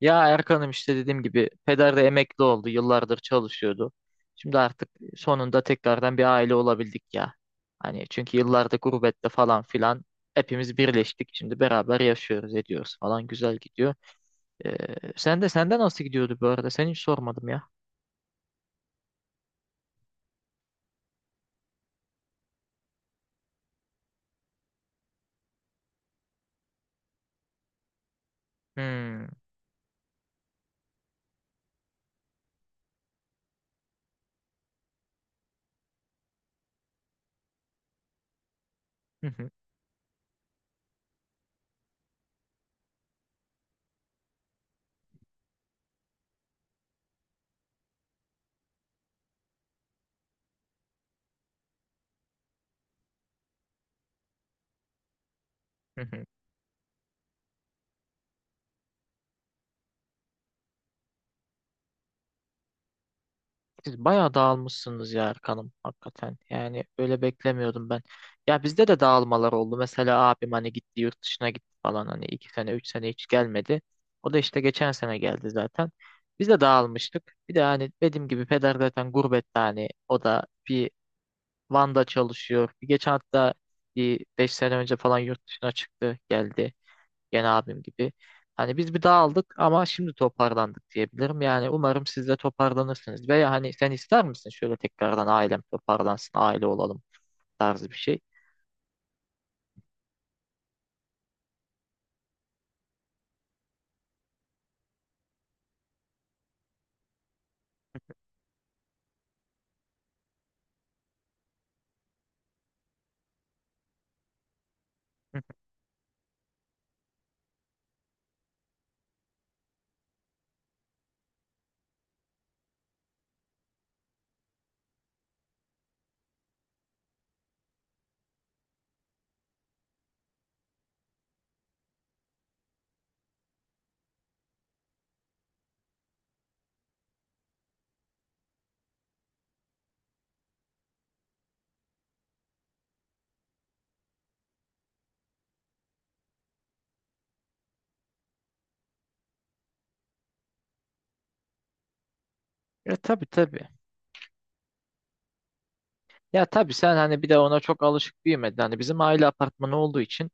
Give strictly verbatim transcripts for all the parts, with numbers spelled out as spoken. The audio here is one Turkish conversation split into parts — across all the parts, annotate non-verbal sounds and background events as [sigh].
Ya Erkan'ım işte dediğim gibi peder de emekli oldu. Yıllardır çalışıyordu. Şimdi artık sonunda tekrardan bir aile olabildik ya. Hani çünkü yıllardır gurbette falan filan hepimiz birleştik. Şimdi beraber yaşıyoruz, ediyoruz falan güzel gidiyor. Ee, sen de senden nasıl gidiyordu bu arada? Seni hiç sormadım ya. Hmm. [laughs] Siz bayağı dağılmışsınız ya Erkan'ım hakikaten. Yani öyle beklemiyordum ben. Ya bizde de dağılmalar oldu. Mesela abim hani gitti yurt dışına gitti falan hani iki sene üç sene hiç gelmedi. O da işte geçen sene geldi zaten. Biz de dağılmıştık. Bir de hani dediğim gibi peder zaten gurbette hani o da bir Van'da çalışıyor. Bir geçen hatta bir beş sene önce falan yurt dışına çıktı geldi. Gene abim gibi. Hani biz bir dağıldık ama şimdi toparlandık diyebilirim. Yani umarım siz de toparlanırsınız. Veya hani sen ister misin şöyle tekrardan ailem toparlansın, aile olalım tarzı bir şey. Hı hı. E tabii tabii. Ya tabii sen hani bir de ona çok alışık büyümedin. Hani bizim aile apartmanı olduğu için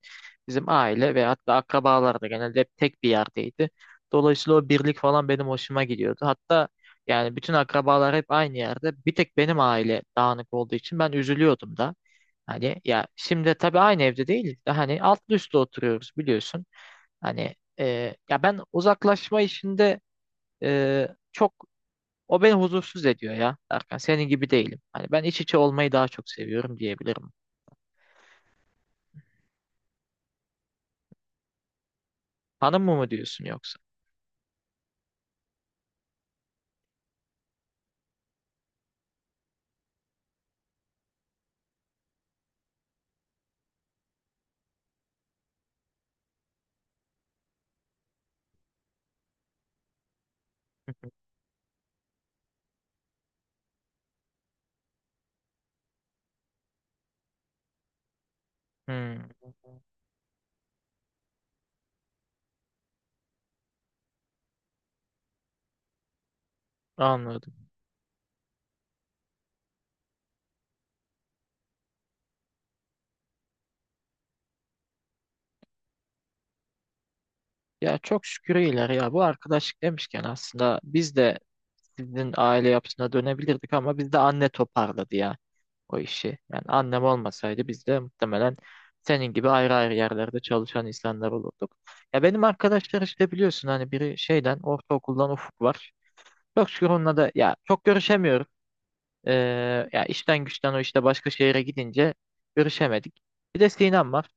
bizim aile ve hatta akrabalar da genelde hep tek bir yerdeydi. Dolayısıyla o birlik falan benim hoşuma gidiyordu. Hatta yani bütün akrabalar hep aynı yerde. Bir tek benim aile dağınık olduğu için ben üzülüyordum da. Hani ya şimdi tabii aynı evde değiliz de hani altlı üstlü oturuyoruz biliyorsun. Hani e, ya ben uzaklaşma işinde e, çok o beni huzursuz ediyor ya. Erkan senin gibi değilim. Hani ben iç içe olmayı daha çok seviyorum diyebilirim. Hanım mı mı diyorsun yoksa? [laughs] Hmm, anladım. Ya çok şükür iyiler ya. Bu arkadaşlık demişken aslında biz de sizin aile yapısına dönebilirdik ama bizde anne toparladı ya o işi. Yani annem olmasaydı biz de muhtemelen senin gibi ayrı ayrı yerlerde çalışan insanlar olurduk. Ya benim arkadaşlar işte biliyorsun hani biri şeyden ortaokuldan Ufuk var. Çok şükür onunla da ya çok görüşemiyorum. Ee, ya işten güçten o işte başka şehire gidince görüşemedik. Bir de Sinem var.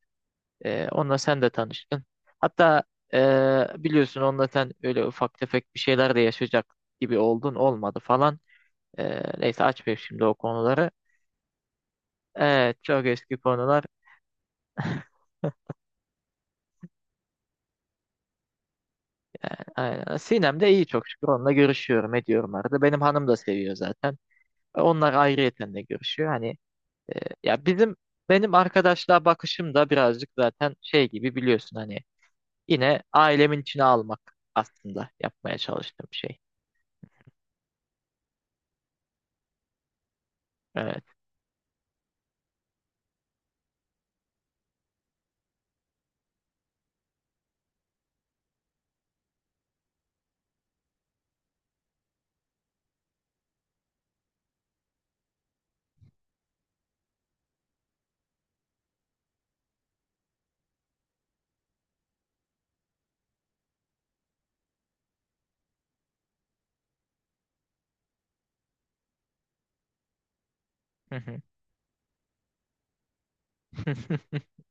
Ee, onunla sen de tanıştın. Hatta ee, biliyorsun onunla sen öyle ufak tefek bir şeyler de yaşayacak gibi oldun olmadı falan. Ee, neyse açmayayım şimdi o konuları. Evet çok eski konular. Aynen. Sinem de iyi çok şükür. Onunla görüşüyorum ediyorum arada. Benim hanım da seviyor zaten. E, onlar ayrıyeten de görüşüyor. Hani e, ya bizim benim arkadaşlığa bakışım da birazcık zaten şey gibi biliyorsun hani yine ailemin içine almak aslında yapmaya çalıştığım şey. Evet. Hı hı. [laughs]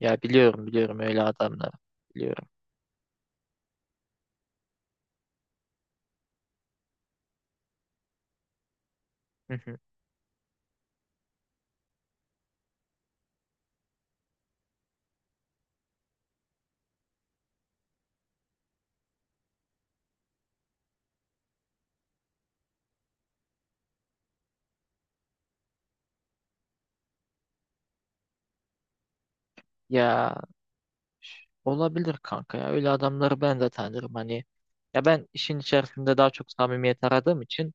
Ya biliyorum biliyorum öyle adamları. Biliyorum. Hı hı. Ya olabilir kanka ya. Öyle adamları ben de tanırım hani. Ya ben işin içerisinde daha çok samimiyet aradığım için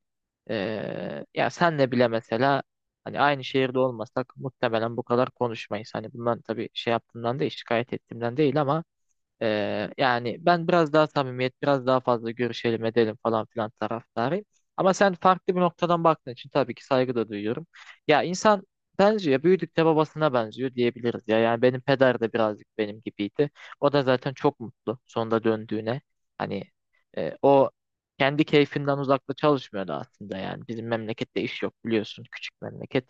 eee ya senle bile mesela hani aynı şehirde olmasak muhtemelen bu kadar konuşmayız. Hani bundan tabii şey yaptığımdan değil, şikayet ettiğimden değil ama ee, yani ben biraz daha samimiyet, biraz daha fazla görüşelim edelim falan filan taraftarıyım. Ama sen farklı bir noktadan baktığın için tabii ki saygı da duyuyorum. Ya insan benziyor, büyüdükçe babasına benziyor diyebiliriz ya. Yani benim peder de birazcık benim gibiydi. O da zaten çok mutlu sonunda döndüğüne. Hani e, o kendi keyfinden uzakta çalışmıyordu aslında yani. Bizim memlekette iş yok biliyorsun, küçük memleket.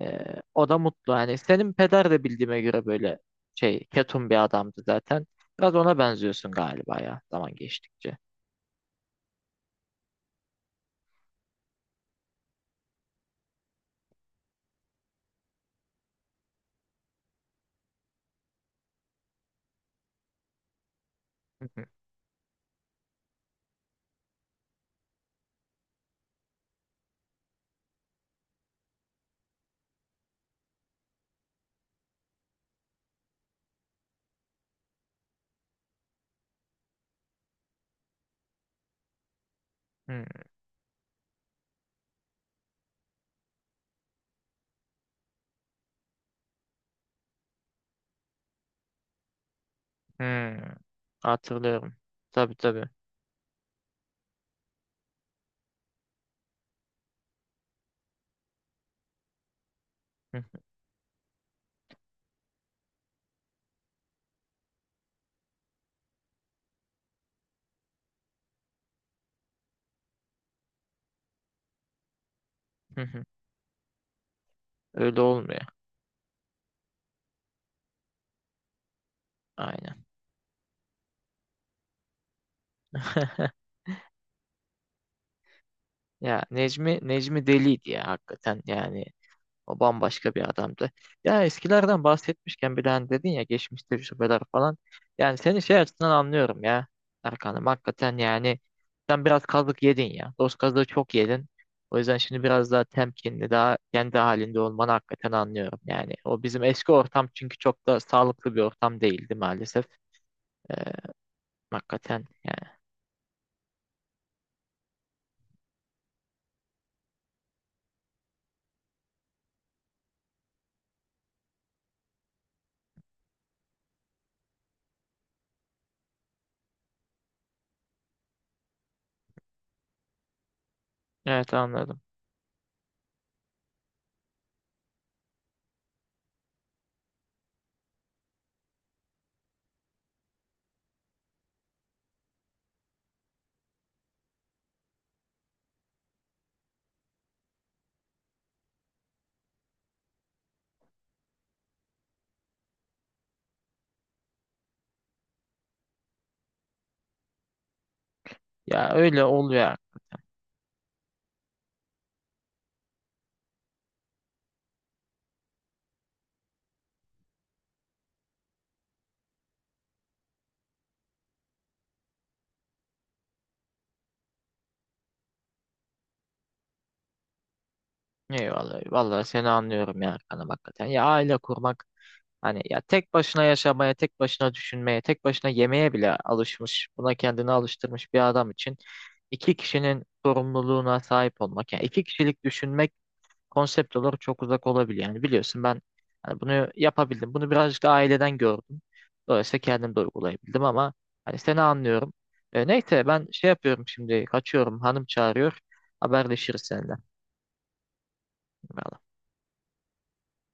Ee, o da mutlu. Yani senin peder de bildiğime göre böyle şey ketum bir adamdı zaten. Biraz ona benziyorsun galiba ya zaman geçtikçe. Hı hı, hı hı. Hatırlıyorum. Tabii tabii. Hı hı, hı hı. Öyle olmuyor. Aynen. [laughs] Ya Necmi Necmi deliydi ya hakikaten yani o bambaşka bir adamdı. Ya eskilerden bahsetmişken bir hani dedin ya geçmiş tecrübeler falan. Yani seni şey açısından anlıyorum ya Erkan'ım. Hakikaten yani sen biraz kazık yedin ya. Dost kazığı çok yedin. O yüzden şimdi biraz daha temkinli, daha kendi halinde olmanı hakikaten anlıyorum. Yani o bizim eski ortam çünkü çok da sağlıklı bir ortam değildi maalesef. Ee, hakikaten yani. Evet anladım. Ya öyle oluyor. Eyvallah. Vallahi seni anlıyorum ya Erkan'ım hakikaten. Ya aile kurmak hani ya tek başına yaşamaya, tek başına düşünmeye, tek başına yemeye bile alışmış, buna kendini alıştırmış bir adam için iki kişinin sorumluluğuna sahip olmak, yani iki kişilik düşünmek konsept olarak çok uzak olabilir. Yani biliyorsun ben hani bunu yapabildim. Bunu birazcık da aileden gördüm. Dolayısıyla kendim de uygulayabildim ama hani seni anlıyorum. E, neyse ben şey yapıyorum şimdi kaçıyorum. Hanım çağırıyor. Haberleşiriz seninle.